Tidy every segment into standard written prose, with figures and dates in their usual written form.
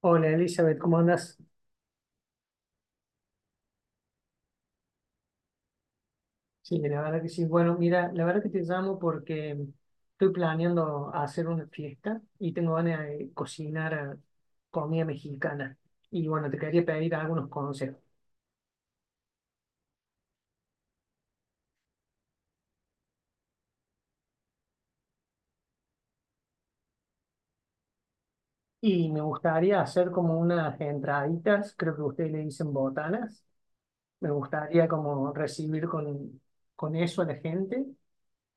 Hola Elizabeth, ¿cómo andas? Sí, la verdad que sí. Bueno, mira, la verdad que te llamo porque estoy planeando hacer una fiesta y tengo ganas de cocinar comida mexicana. Y bueno, te quería pedir algunos consejos. Y me gustaría hacer como unas entraditas, creo que ustedes le dicen botanas. Me gustaría como recibir con eso a la gente.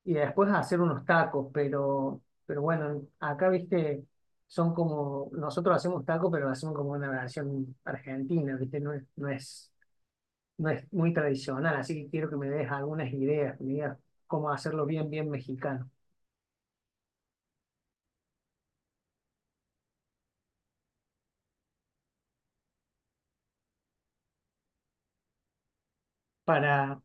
Y después hacer unos tacos, pero bueno, acá viste, son como, nosotros hacemos tacos, pero lo hacemos como una versión argentina, viste, no es muy tradicional, así que quiero que me des algunas ideas, que me digas cómo hacerlo bien, bien mexicano, para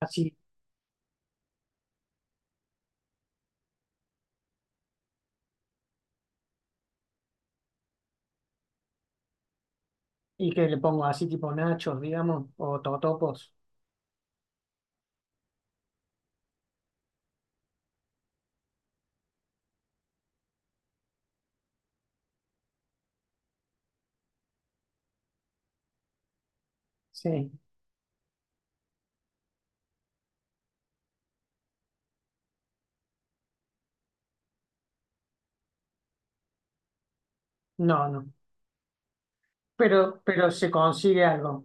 así, y que le pongo así tipo nachos, digamos, o totopos, sí, no, no, pero se consigue algo.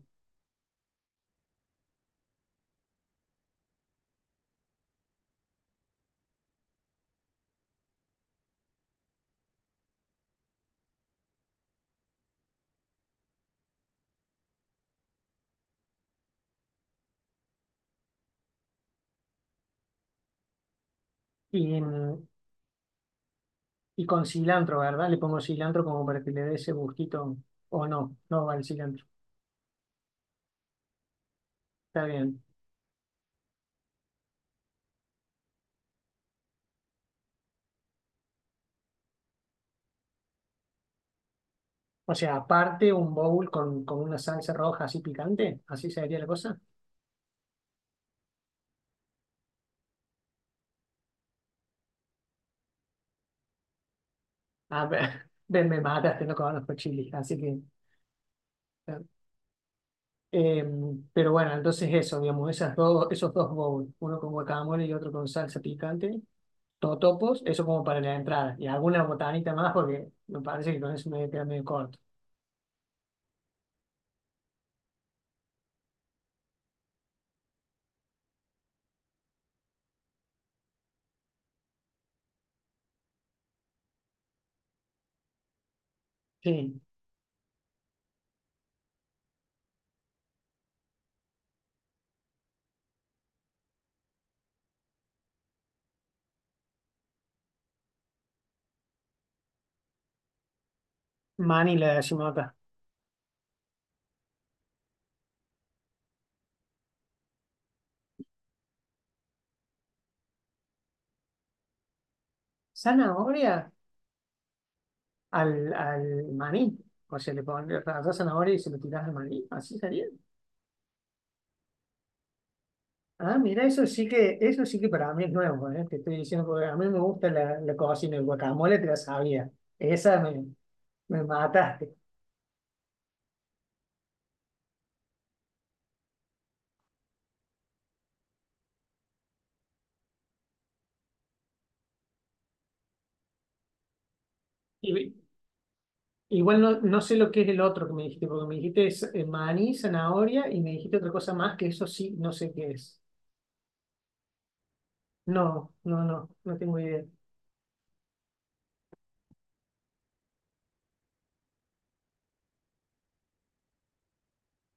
Y, mm, y con cilantro, ¿verdad? Le pongo cilantro como para que le dé ese gustito. O no, no va el cilantro. Está bien. O sea, aparte un bowl con una salsa roja así picante, así sería la cosa. A ver, ven, me mataste, no conozco chili, así que. eh, pero bueno, entonces eso, digamos, esas dos, esos dos bowls, uno con guacamole y otro con salsa picante, totopos, eso como para la entrada. Y alguna botanita más porque me parece que con eso me voy a quedar medio corto. Sí, mani le decimos acá. ¿Zanahoria? Al, al maní. O sea, le pones rallás zanahoria y se lo tirás al maní. Así sería. Ah, mira, eso sí que para mí es nuevo, ¿eh? Te estoy diciendo porque a mí me gusta la, la cocina, el guacamole te la sabía. Esa me, me mataste. Y, igual no, no sé lo que es el otro que me dijiste, porque me dijiste es, maní, zanahoria y me dijiste otra cosa más que eso sí, no sé qué es. No, no, no, no tengo idea.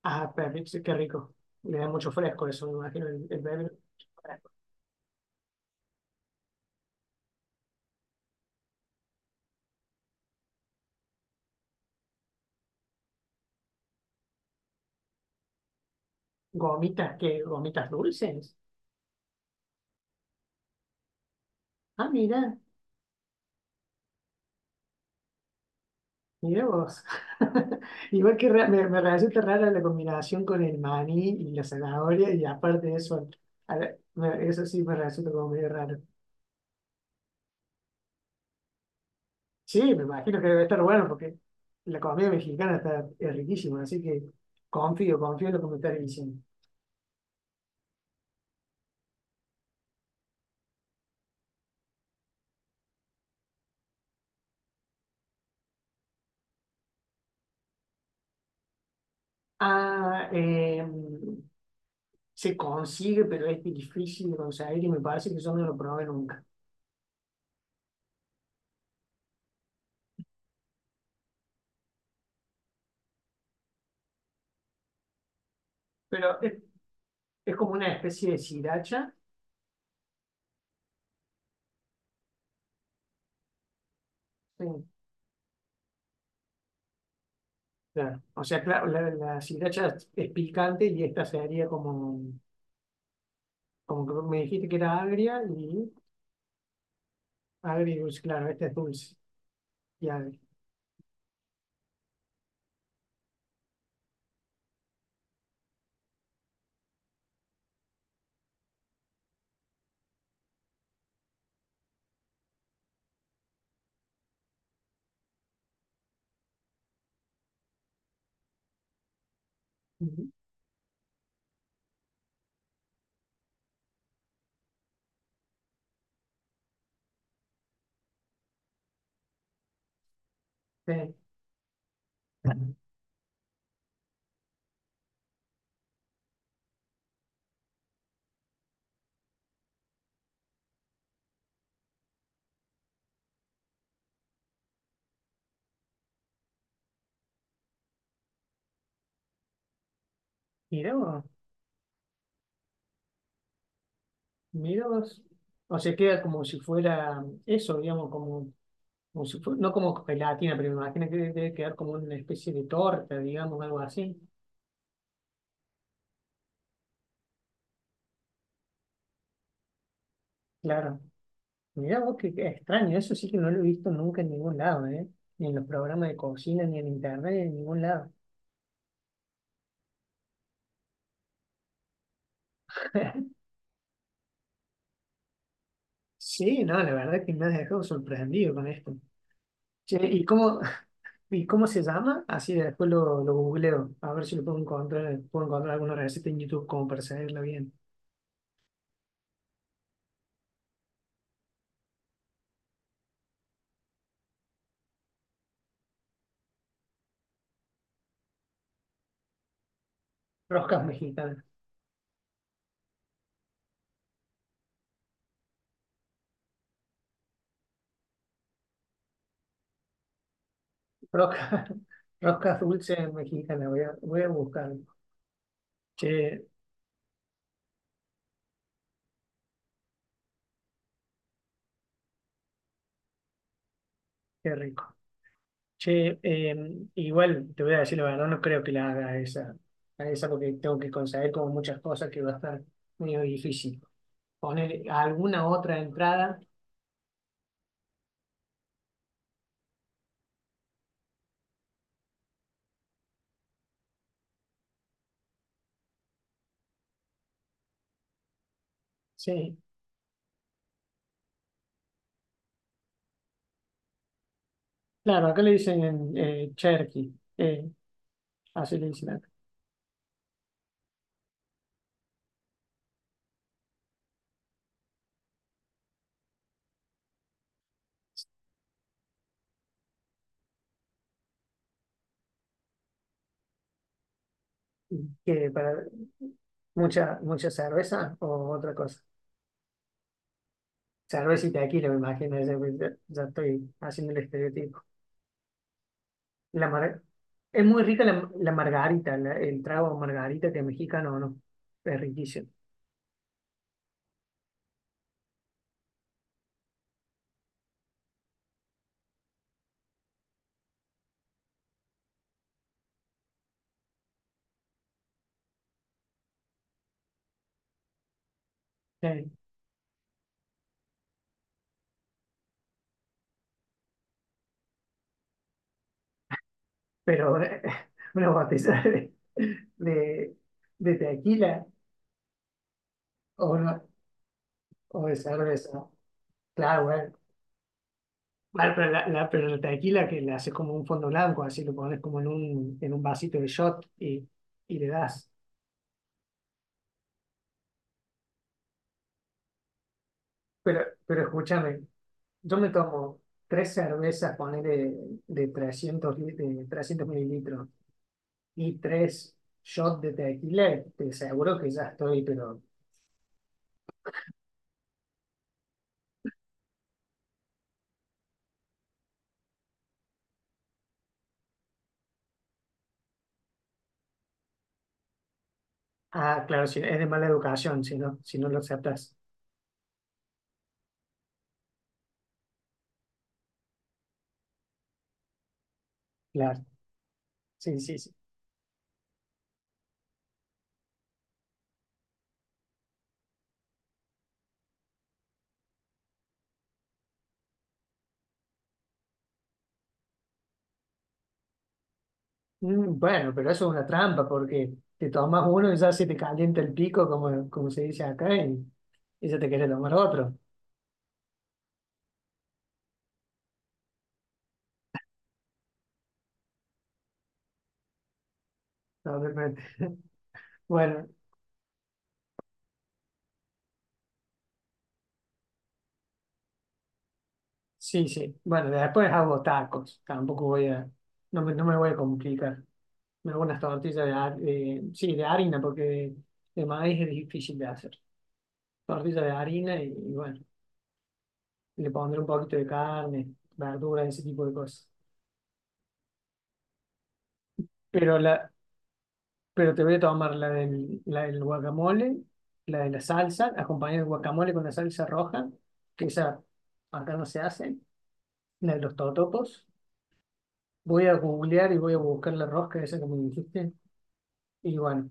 Ah, pero qué rico. Le da mucho fresco eso, me imagino, el bebé. Gomitas, que gomitas dulces. Ah, mira, mira vos. Igual que me, me resulta rara la combinación con el maní y la zanahoria, y aparte de eso, eso sí me resulta como medio raro. Sí, me imagino que debe estar bueno porque la comida mexicana está, es riquísima, así que confío, confío en lo que me estás diciendo. Ah, se consigue, pero es difícil de conseguir y me parece que yo no lo probé nunca. Pero es como una especie de sriracha. Sí. Claro. O sea, claro, la sriracha es picante y esta sería como, como que me dijiste que era agria y agria y dulce, claro, esta es dulce y agria. Ujú. Sí. Mirá vos, mirá vos. O sea, queda como si fuera eso, digamos, como, no como gelatina, pero me imagino que debe quedar como una especie de torta, digamos, algo así. Claro. Mirá vos, qué, qué extraño, eso sí que no lo he visto nunca en ningún lado, ¿eh? Ni en los programas de cocina, ni en internet, ni en ningún lado. Sí, no, la verdad que me has dejado sorprendido con esto. Che, ¿y cómo, y cómo se llama? Así después lo googleo, a ver si lo puedo encontrar alguna receta en YouTube como para seguirla bien. Roscas mexicanas, roscas, roscas dulces mexicanas, voy a, voy a buscarlo. Che, qué rico. Che, igual te voy a decir la verdad, no creo que la haga a esa porque tengo que conseguir como muchas cosas que va a estar medio difícil. Poner alguna otra entrada, sí. Claro, acá le dicen Cherky, así le dicen acá. Que para mucha, mucha cerveza o otra cosa. Cerveza y tequila, me imagino, ya, ya estoy haciendo el estereotipo. La mar- es muy rica la, la margarita, el trago margarita que es mexicano, ¿no? Es riquísimo. Sí. Pero una botella de, de tequila o, o de cerveza, claro, bueno, vale, pero la, pero la tequila que le haces como un fondo blanco, así lo pones como en un vasito de shot y le das. Pero, pero escúchame, yo me tomo tres cervezas, ponele de 300, de 300 mililitros y tres shots de tequila, te aseguro que ya estoy, pero... Ah, claro, si, es de mala educación, si no, si no lo aceptas. Claro, sí, sí, sí. Mm, bueno, pero eso es una trampa porque te tomas uno y ya se te calienta el pico, como, como se dice acá, y ya te quieres tomar otro. No, de bueno, sí, sí. Bueno, después hago tacos. Tampoco voy a, no me, no me voy a complicar. Me hago unas tortillas de, sí, de harina porque de maíz es difícil de hacer. Tortillas de harina y bueno, le pondré un poquito de carne, verduras, ese tipo de cosas. Pero la, pero te voy a tomar la del guacamole, la de la salsa, acompañada del guacamole con la salsa roja, que esa acá no se hace, la de los totopos. Voy a googlear y voy a buscar la rosca esa que me dijiste. Y bueno,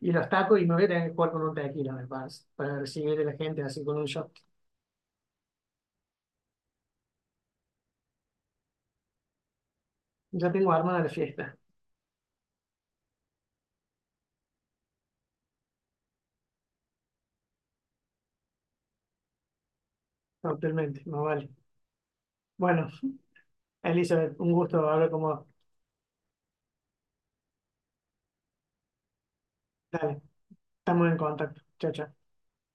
y los tacos y me voy a tener que jugar con un tequila, me parece, para recibir a la gente así con un shot. Ya tengo armada la fiesta, actualmente, no vale. Bueno, Elizabeth, un gusto hablar con vos. Dale, estamos en contacto. Chao, chao.